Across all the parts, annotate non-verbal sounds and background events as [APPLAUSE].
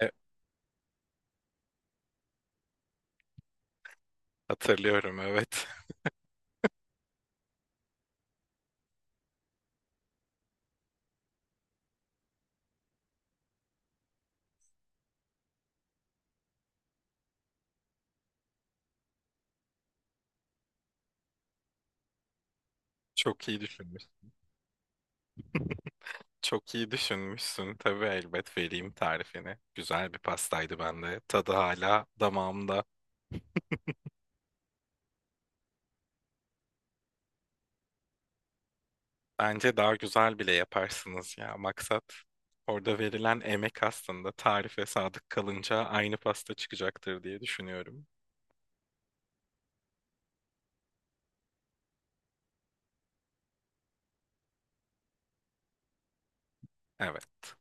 E, hatırlıyorum evet. [LAUGHS] Çok iyi düşünmüş. [LAUGHS] Çok iyi düşünmüşsün. Tabii elbet vereyim tarifini. Güzel bir pastaydı bende. Tadı hala damağımda. Bence daha güzel bile yaparsınız ya. Maksat orada verilen emek aslında tarife sadık kalınca aynı pasta çıkacaktır diye düşünüyorum. Evet.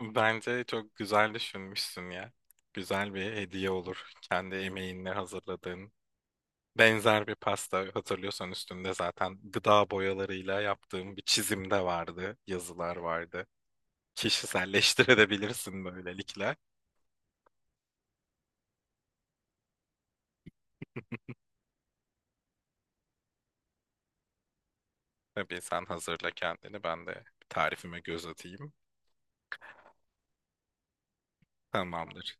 Bence çok güzel düşünmüşsün ya. Güzel bir hediye olur. Kendi emeğinle hazırladığın. Benzer bir pasta hatırlıyorsan, üstünde zaten gıda boyalarıyla yaptığım bir çizim de vardı, yazılar vardı. Kişiselleştirebilirsin böylelikle. Tabii sen hazırla kendini, ben de tarifime göz atayım. Tamamdır.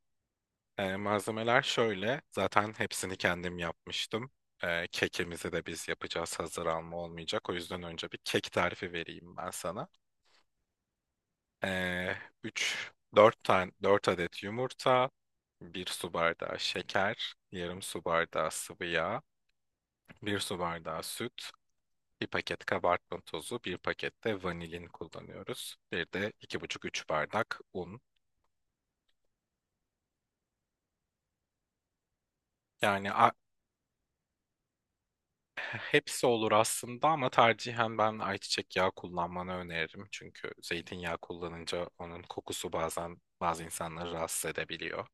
Malzemeler şöyle, zaten hepsini kendim yapmıştım. Kekimizi de biz yapacağız, hazır alma olmayacak. O yüzden önce bir kek tarifi vereyim ben sana. Ee, 3 4 tane 4 adet yumurta, 1 su bardağı şeker, yarım su bardağı sıvı yağ, 1 su bardağı süt, 1 paket kabartma tozu, 1 paket de vanilin kullanıyoruz. Bir de iki buçuk 3 bardak un. Yani hepsi olur aslında ama tercihen ben ayçiçek yağı kullanmanı öneririm. Çünkü zeytinyağı kullanınca onun kokusu bazen bazı insanları rahatsız edebiliyor.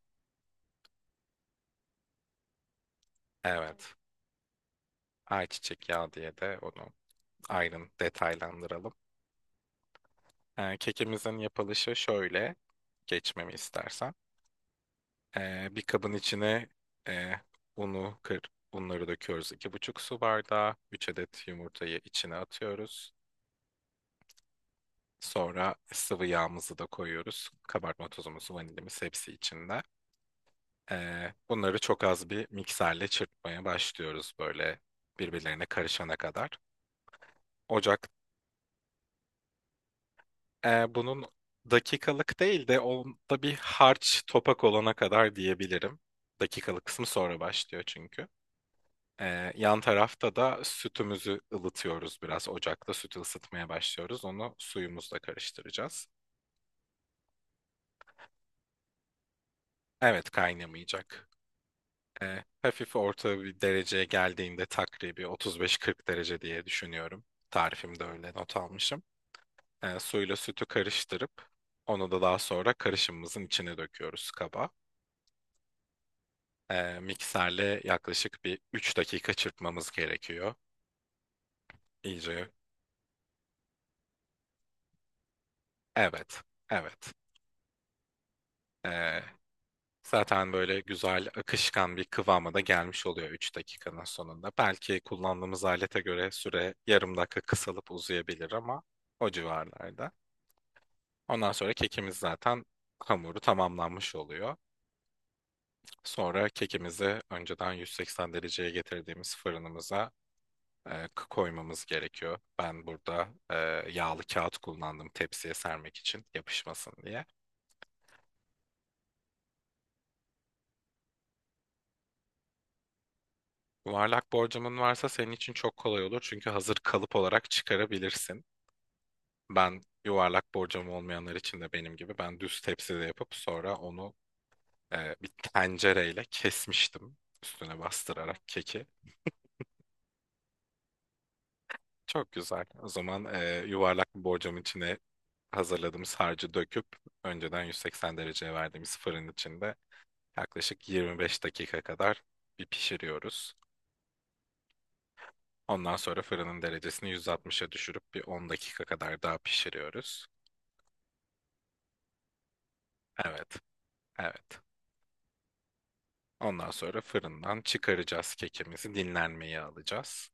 Evet. Ayçiçek yağı diye de onu ayrın detaylandıralım. Kekimizin yapılışı şöyle. Geçmemi istersen. Bir kabın içine e, unu kır, unları döküyoruz. 2,5 su bardağı. 3 adet yumurtayı içine atıyoruz. Sonra sıvı yağımızı da koyuyoruz. Kabartma tozumuz, vanilimiz hepsi içinde. Bunları çok az bir mikserle çırpmaya başlıyoruz böyle birbirlerine karışana kadar. Ocak bunun dakikalık değil de onda bir harç topak olana kadar diyebilirim. Dakikalık kısmı sonra başlıyor çünkü. Yan tarafta da sütümüzü ılıtıyoruz biraz. Ocakta sütü ısıtmaya başlıyoruz. Onu suyumuzla karıştıracağız. Evet, kaynamayacak. Hafif orta bir dereceye geldiğinde takribi 35-40 derece diye düşünüyorum. Tarifimde öyle not almışım. Suyla sütü karıştırıp onu da daha sonra karışımımızın içine döküyoruz kaba. Mikserle yaklaşık bir 3 dakika çırpmamız gerekiyor. İyice. Evet. Evet. Ee, zaten böyle güzel akışkan bir kıvama da gelmiş oluyor 3 dakikanın sonunda. Belki kullandığımız alete göre süre yarım dakika kısalıp uzayabilir ama o civarlarda. Ondan sonra kekimiz zaten hamuru tamamlanmış oluyor. Sonra kekimizi önceden 180 dereceye getirdiğimiz fırınımıza koymamız gerekiyor. Ben burada yağlı kağıt kullandım tepsiye sermek için yapışmasın diye. Yuvarlak borcamın varsa senin için çok kolay olur çünkü hazır kalıp olarak çıkarabilirsin. Ben yuvarlak borcam olmayanlar için de benim gibi ben düz tepside yapıp sonra onu bir tencereyle kesmiştim üstüne bastırarak keki. Çok güzel. O zaman yuvarlak bir borcamın içine hazırladığımız harcı döküp önceden 180 dereceye verdiğimiz fırın içinde yaklaşık 25 dakika kadar bir pişiriyoruz. Ondan sonra fırının derecesini 160'a düşürüp bir 10 dakika kadar daha pişiriyoruz. Evet, evet. Ondan sonra fırından çıkaracağız kekimizi, dinlenmeye alacağız.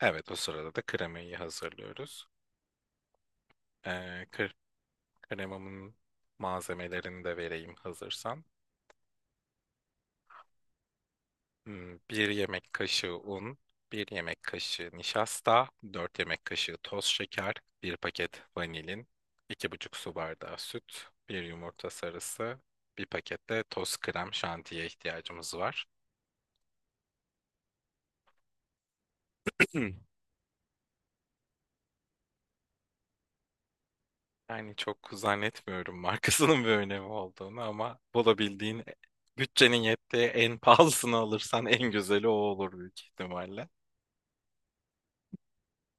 Evet, o sırada da kremayı hazırlıyoruz. Ee, kre- kremamın malzemelerini de vereyim hazırsan. Bir yemek kaşığı un, bir yemek kaşığı nişasta, 4 yemek kaşığı toz şeker, bir paket vanilin, 2,5 su bardağı süt, bir yumurta sarısı, bir paket de toz krem şantiye ihtiyacımız var. [CLEARS THROAT] Yani çok zannetmiyorum markasının bir önemi olduğunu ama bulabildiğin bütçenin yettiği en pahalısını alırsan en güzeli o olur büyük ihtimalle.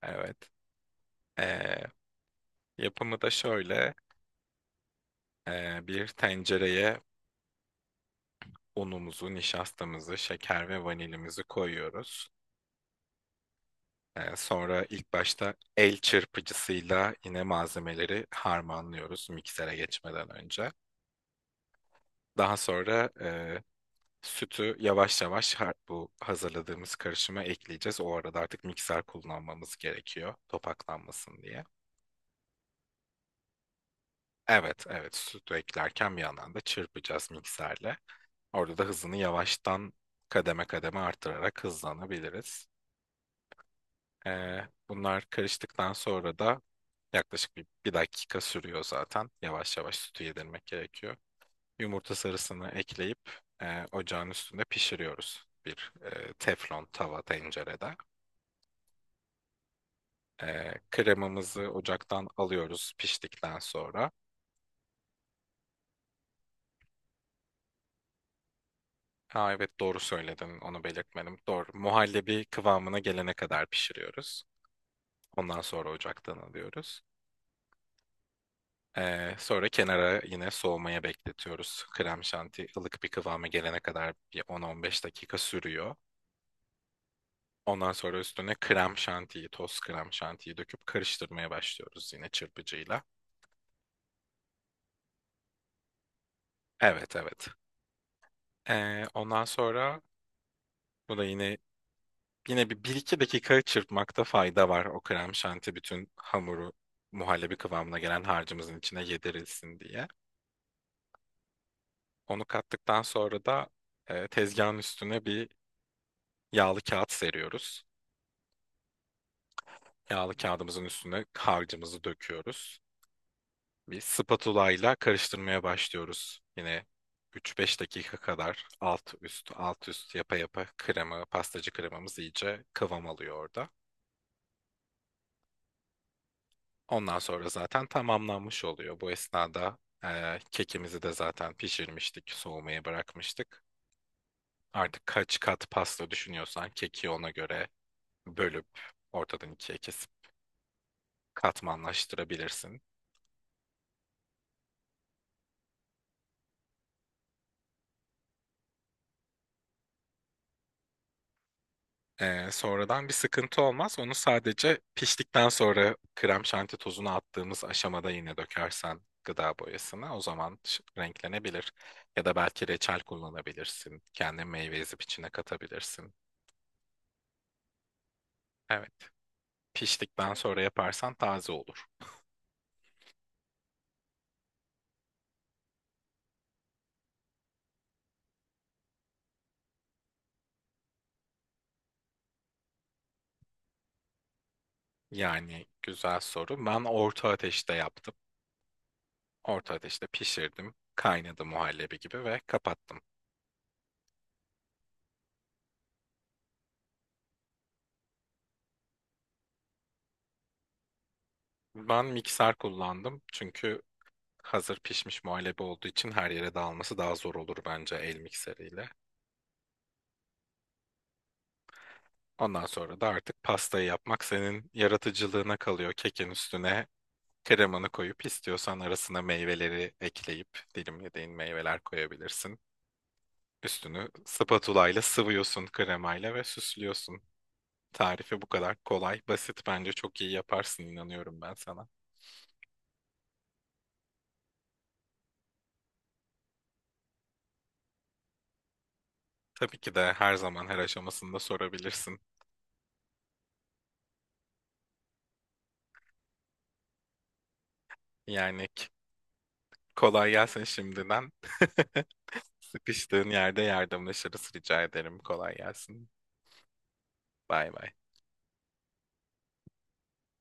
Evet. Ee, yapımı da şöyle. Bir tencereye unumuzu, nişastamızı, şeker ve vanilimizi koyuyoruz. Sonra ilk başta el çırpıcısıyla yine malzemeleri harmanlıyoruz miksere geçmeden önce. Daha sonra sütü yavaş yavaş bu hazırladığımız karışıma ekleyeceğiz. O arada artık mikser kullanmamız gerekiyor topaklanmasın diye. Evet, evet, sütü eklerken bir yandan da çırpacağız mikserle. Orada da hızını yavaştan kademe kademe arttırarak hızlanabiliriz. Bunlar karıştıktan sonra da yaklaşık bir dakika sürüyor zaten. Yavaş yavaş sütü yedirmek gerekiyor. Yumurta sarısını ekleyip ocağın üstünde pişiriyoruz. Bir teflon tava tencerede. Kremamızı ocaktan alıyoruz piştikten sonra. Ha, evet, doğru söyledin, onu belirtmedim. Doğru. Muhallebi kıvamına gelene kadar pişiriyoruz. Ondan sonra ocaktan alıyoruz. Sonra kenara yine soğumaya bekletiyoruz. Krem şanti ılık bir kıvama gelene kadar bir 10-15 dakika sürüyor. Ondan sonra üstüne krem şantiyi, toz krem şantiyi döküp karıştırmaya başlıyoruz yine çırpıcıyla. Evet, evet. Ondan sonra bu da yine bir iki dakika çırpmakta fayda var. O krem şanti bütün hamuru muhallebi kıvamına gelen harcımızın içine yedirilsin diye. Onu kattıktan sonra da tezgahın üstüne bir yağlı kağıt seriyoruz. Yağlı kağıdımızın üstüne harcımızı döküyoruz. Bir spatula ile karıştırmaya başlıyoruz. Yine 3-5 dakika kadar alt üst alt üst yapa yapa krema, pastacı kremamız iyice kıvam alıyor orada. Ondan sonra zaten tamamlanmış oluyor. Bu esnada kekimizi de zaten pişirmiştik, soğumaya bırakmıştık. Artık kaç kat pasta düşünüyorsan keki ona göre bölüp ortadan ikiye kesip katmanlaştırabilirsin. Sonradan bir sıkıntı olmaz. Onu sadece piştikten sonra krem şanti tozunu attığımız aşamada yine dökersen gıda boyasına o zaman renklenebilir. Ya da belki reçel kullanabilirsin. Kendi meyve ezip içine katabilirsin. Evet. Piştikten sonra yaparsan taze olur. Yani güzel soru. Ben orta ateşte yaptım. Orta ateşte pişirdim. Kaynadı muhallebi gibi ve kapattım. Ben mikser kullandım çünkü hazır pişmiş muhallebi olduğu için her yere dağılması daha zor olur bence el mikseriyle. Ondan sonra da artık pastayı yapmak senin yaratıcılığına kalıyor. Kekin üstüne kremanı koyup istiyorsan arasına meyveleri ekleyip dilimlediğin meyveler koyabilirsin. Üstünü spatulayla sıvıyorsun kremayla ve süslüyorsun. Tarifi bu kadar kolay, basit bence çok iyi yaparsın inanıyorum ben sana. Tabii ki de her zaman her aşamasında sorabilirsin. Yani kolay gelsin şimdiden. [LAUGHS] Sıkıştığın yerde yardımlaşırız rica ederim. Kolay gelsin. Bay bay.